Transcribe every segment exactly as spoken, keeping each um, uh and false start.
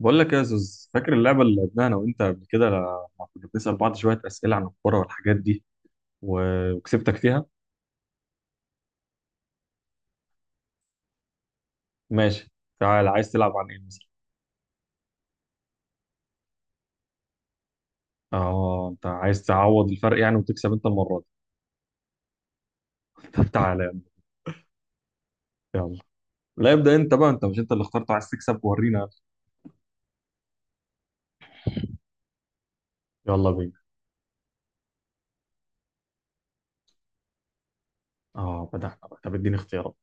بقول لك يا زوز، فاكر اللعبة اللي لعبناها أنا وأنت قبل كده لما كنا بنسأل بعض شوية أسئلة عن الكورة والحاجات دي و- وكسبتك فيها؟ ماشي. تعال، عايز تلعب عن إيه مثلا؟ آه، أنت عايز تعوض الفرق يعني وتكسب أنت المرة دي. طب تعالى يا عم. يلا. لا، ابدأ أنت بقى أنت. مش أنت اللي اخترت؟ عايز تكسب، ورينا. يلا بينا. آه، بدأنا بقى. طب اديني اختيارات.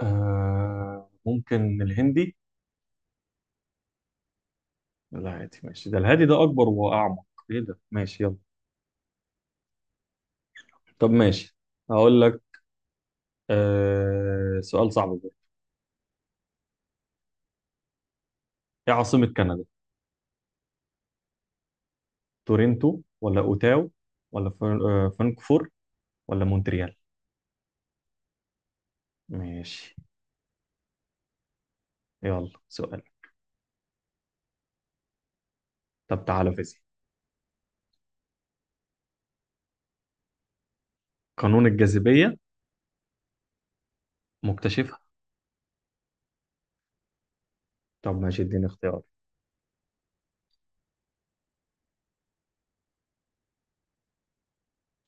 آه، ممكن الهندي؟ لا عادي، ماشي. ده الهادي، ده أكبر وأعمق. إيه ده؟ ماشي، يلا. طب ماشي، هقول لك. آه، سؤال صعب بقى. ايه عاصمة كندا؟ تورنتو ولا اوتاو ولا فر- آه، فرانكفور ولا مونتريال. ماشي، يلا سؤال. طب تعالى، فيزياء. قانون الجاذبية. مكتشفها. طب ماشي، اديني اختيار.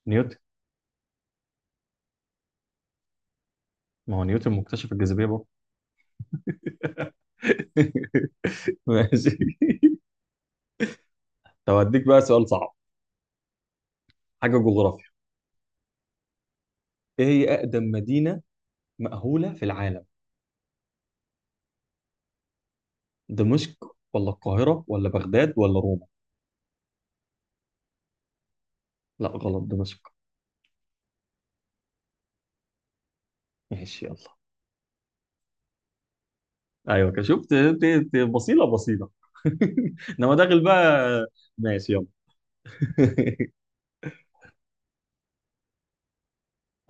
نيوتن. ما هو نيوتن مكتشف الجاذبية برضه. ماشي. طب اديك بقى سؤال صعب، حاجة جغرافيا. ايه هي اقدم مدينة مأهولة في العالم؟ دمشق ولا القاهرة ولا بغداد ولا روما؟ لا غلط، دمشق. ماشي، يلا. ايوه كده، شفت؟ ت- ت- بصيله بصيله. انما داخل بقى. ماشي، يلا.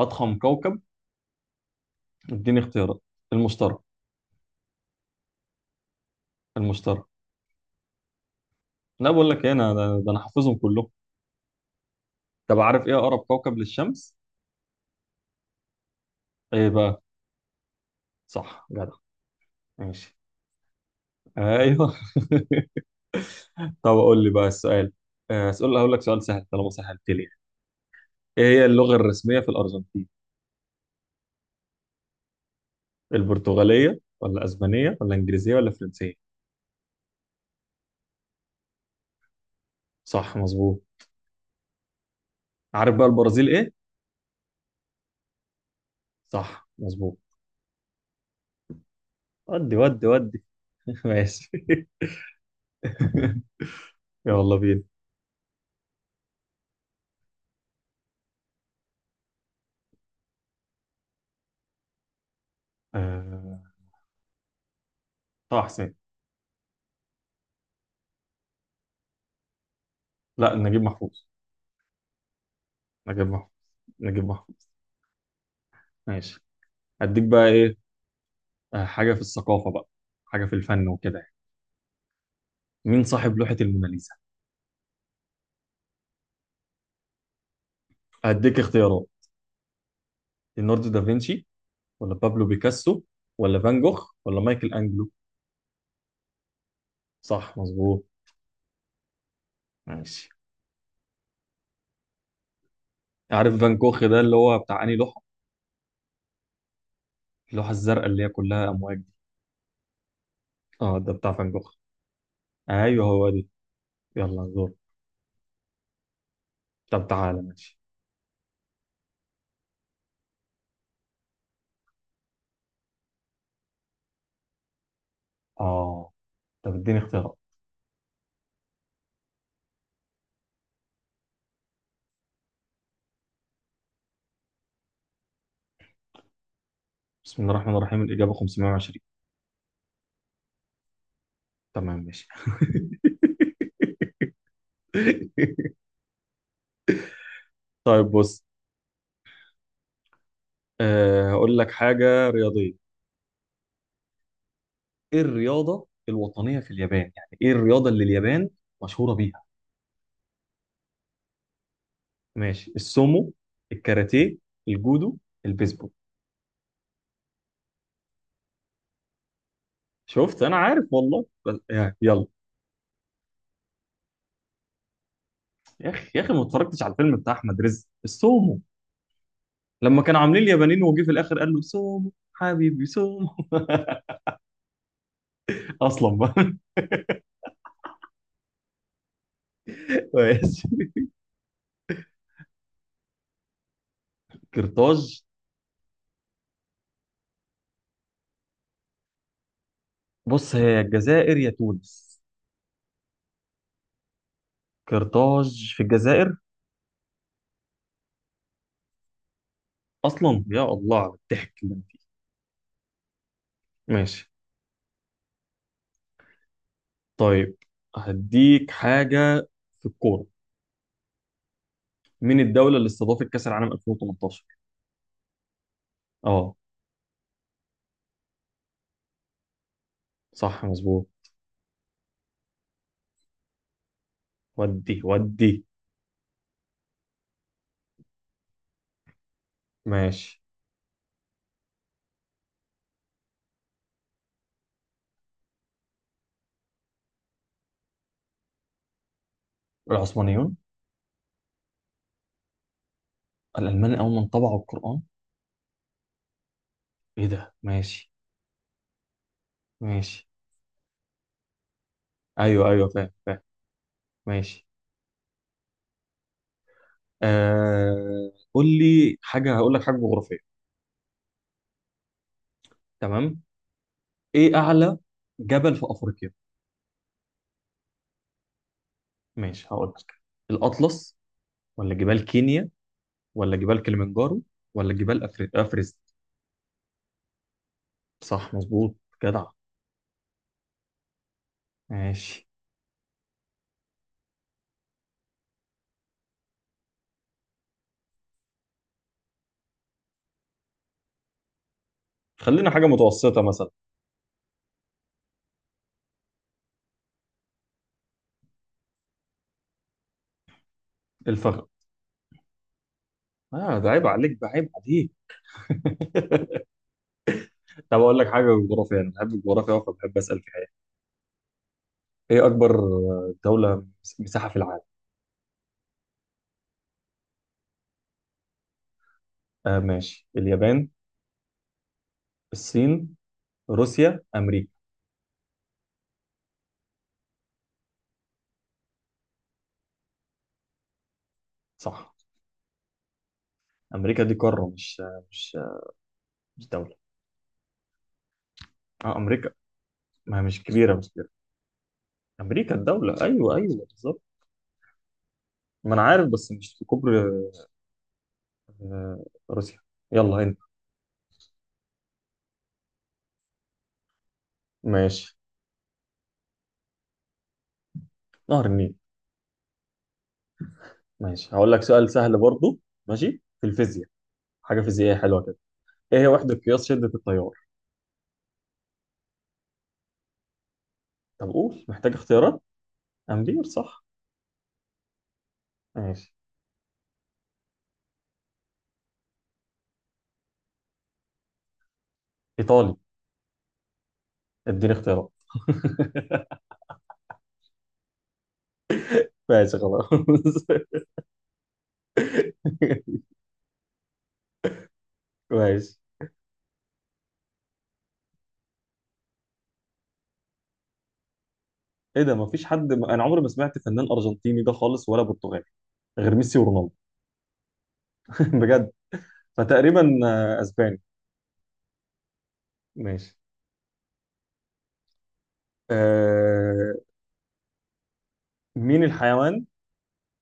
اضخم كوكب. اديني اختيارات. المشتري. المشتري. لا بقول لك ايه، انا ده انا حافظهم كلهم. طب عارف ايه اقرب كوكب للشمس؟ ايه بقى؟ صح، جدع. ماشي. ايوه. طب اقول لي بقى السؤال. آه، اسال، هقول لك سؤال سهل طالما سهلت لي. ايه هي اللغه الرسميه في الارجنتين؟ البرتغاليه ولا اسبانيه ولا انجليزيه ولا فرنسيه؟ صح مظبوط. عارف بقى البرازيل ايه؟ صح مظبوط. ودي ودي ودي. ماشي. يلا بينا. آه... طه حسين. لا، نجيب محفوظ. نجيب محفوظ. نجيب محفوظ. ماشي. هديك بقى ايه. آه، حاجة في الثقافة بقى، حاجة في الفن وكده يعني. مين صاحب لوحة الموناليزا؟ هديك اختيارات. ليوناردو دافنشي ولا بابلو بيكاسو ولا فان جوخ ولا مايكل انجلو؟ صح مظبوط. ماشي. عارف فان جوخ ده اللي هو بتاع انهي لوحة؟ اللوحة الزرقاء اللي هي كلها امواج دي. اه، ده بتاع فان جوخ. ايوه هو دي. يلا دور. طب تعالى ماشي. اه. طب اديني اختيارات. بسم الله الرحمن الرحيم، الإجابة خمسمية وعشرين. تمام، ماشي. طيب بص. آه، هقول لك حاجة رياضية. ايه الرياضة الوطنية في اليابان؟ يعني ايه الرياضة اللي اليابان مشهورة بيها؟ ماشي. السومو، الكاراتيه، الجودو، البيسبول. شفت، انا عارف والله، بس يعني يلا. يا اخي يا اخي، ما اتفرجتش على الفيلم بتاع احمد رزق السومو؟ لما كانوا عاملين اليابانيين وجي في الاخر قال له سومو حبيبي سومو. اصلا بقى. ماشي. قرطاج. بص، هي يا الجزائر يا تونس. قرطاج في الجزائر. اصلا يا الله على الضحك اللي أنا فيه. ماشي. طيب هديك حاجه في الكوره. مين الدوله اللي استضافت كاس العالم ألفين وتمنتاشر؟ اه، صح مظبوط. ودي ودي. ماشي. العثمانيون. الالمان اول من طبعوا القران. ايه ده؟ ماشي. ماشي. ايوه ايوه، فاهم فاهم. ماشي. آه... قول لي حاجه. هقول لك حاجه جغرافيه. تمام. ايه اعلى جبل في افريقيا؟ ماشي، هقول لك. الأطلس، ولا جبال كينيا، ولا جبال كليمنجارو، ولا جبال أفر... أفرست؟ صح مظبوط، جدع. ماشي. خلينا حاجة متوسطة مثلا. الفخذ. اه، ده عيب عليك، ده عيب عليك. طب أقول لك حاجة جغرافية. أنا بحب الجغرافيا أوي فبحب أسأل فيها يعني. إيه أكبر آه، دولة مس- مساحة في العالم؟ آه ماشي. اليابان، الصين، روسيا، أمريكا. صح. أمريكا دي قارة، مش آه، مش آه، مش دولة. اه، أمريكا. ما هي مش كبيرة مش كبيرة. أمريكا الدولة. أيوه أيوه، بالظبط. ما انا عارف، بس مش في كوبري. آه، روسيا. يلا انت. ماشي. نهر النيل. ماشي، هقول لك سؤال سهل برضه، ماشي في الفيزياء. حاجه فيزيائيه حلوه كده. ايه هي وحده قياس شده التيار؟ طب قول، محتاج اختيارات. امبير، صح. ماشي. ايطالي. اديني اختيارات. ماشي خلاص. ماشي. ايه ده، مفيش حد؟ انا عمري ما سمعت فنان ارجنتيني ده خالص ولا برتغالي غير ميسي ورونالدو. بجد. فتقريبا آه، اسباني. ماشي. آه... مين الحيوان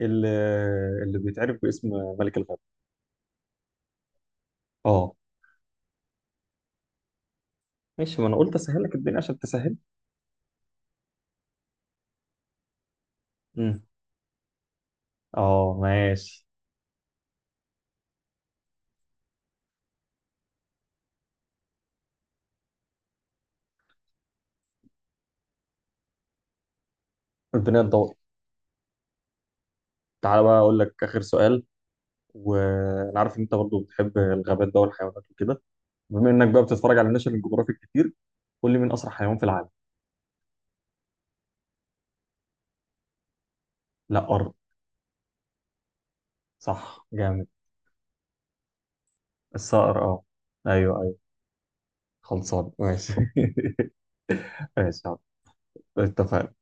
اللي اللي بيتعرف باسم ملك الغابة؟ اه ماشي، ما انا قلت اسهل لك الدنيا عشان تسهل. امم. اه ماشي. الدنيا تدور. تعالى بقى اقول لك اخر سؤال. وانا عارف ان انت برضو بتحب الغابات بقى والحيوانات وكده. بما انك بقى بتتفرج على ناشونال جيوغرافيك كتير، قول لي مين اسرع حيوان في العالم؟ لا، ارض. صح، جامد. الصقر، اه. ايوه ايوه، خلصان. ماشي. ماشي يا عم. اتفقنا.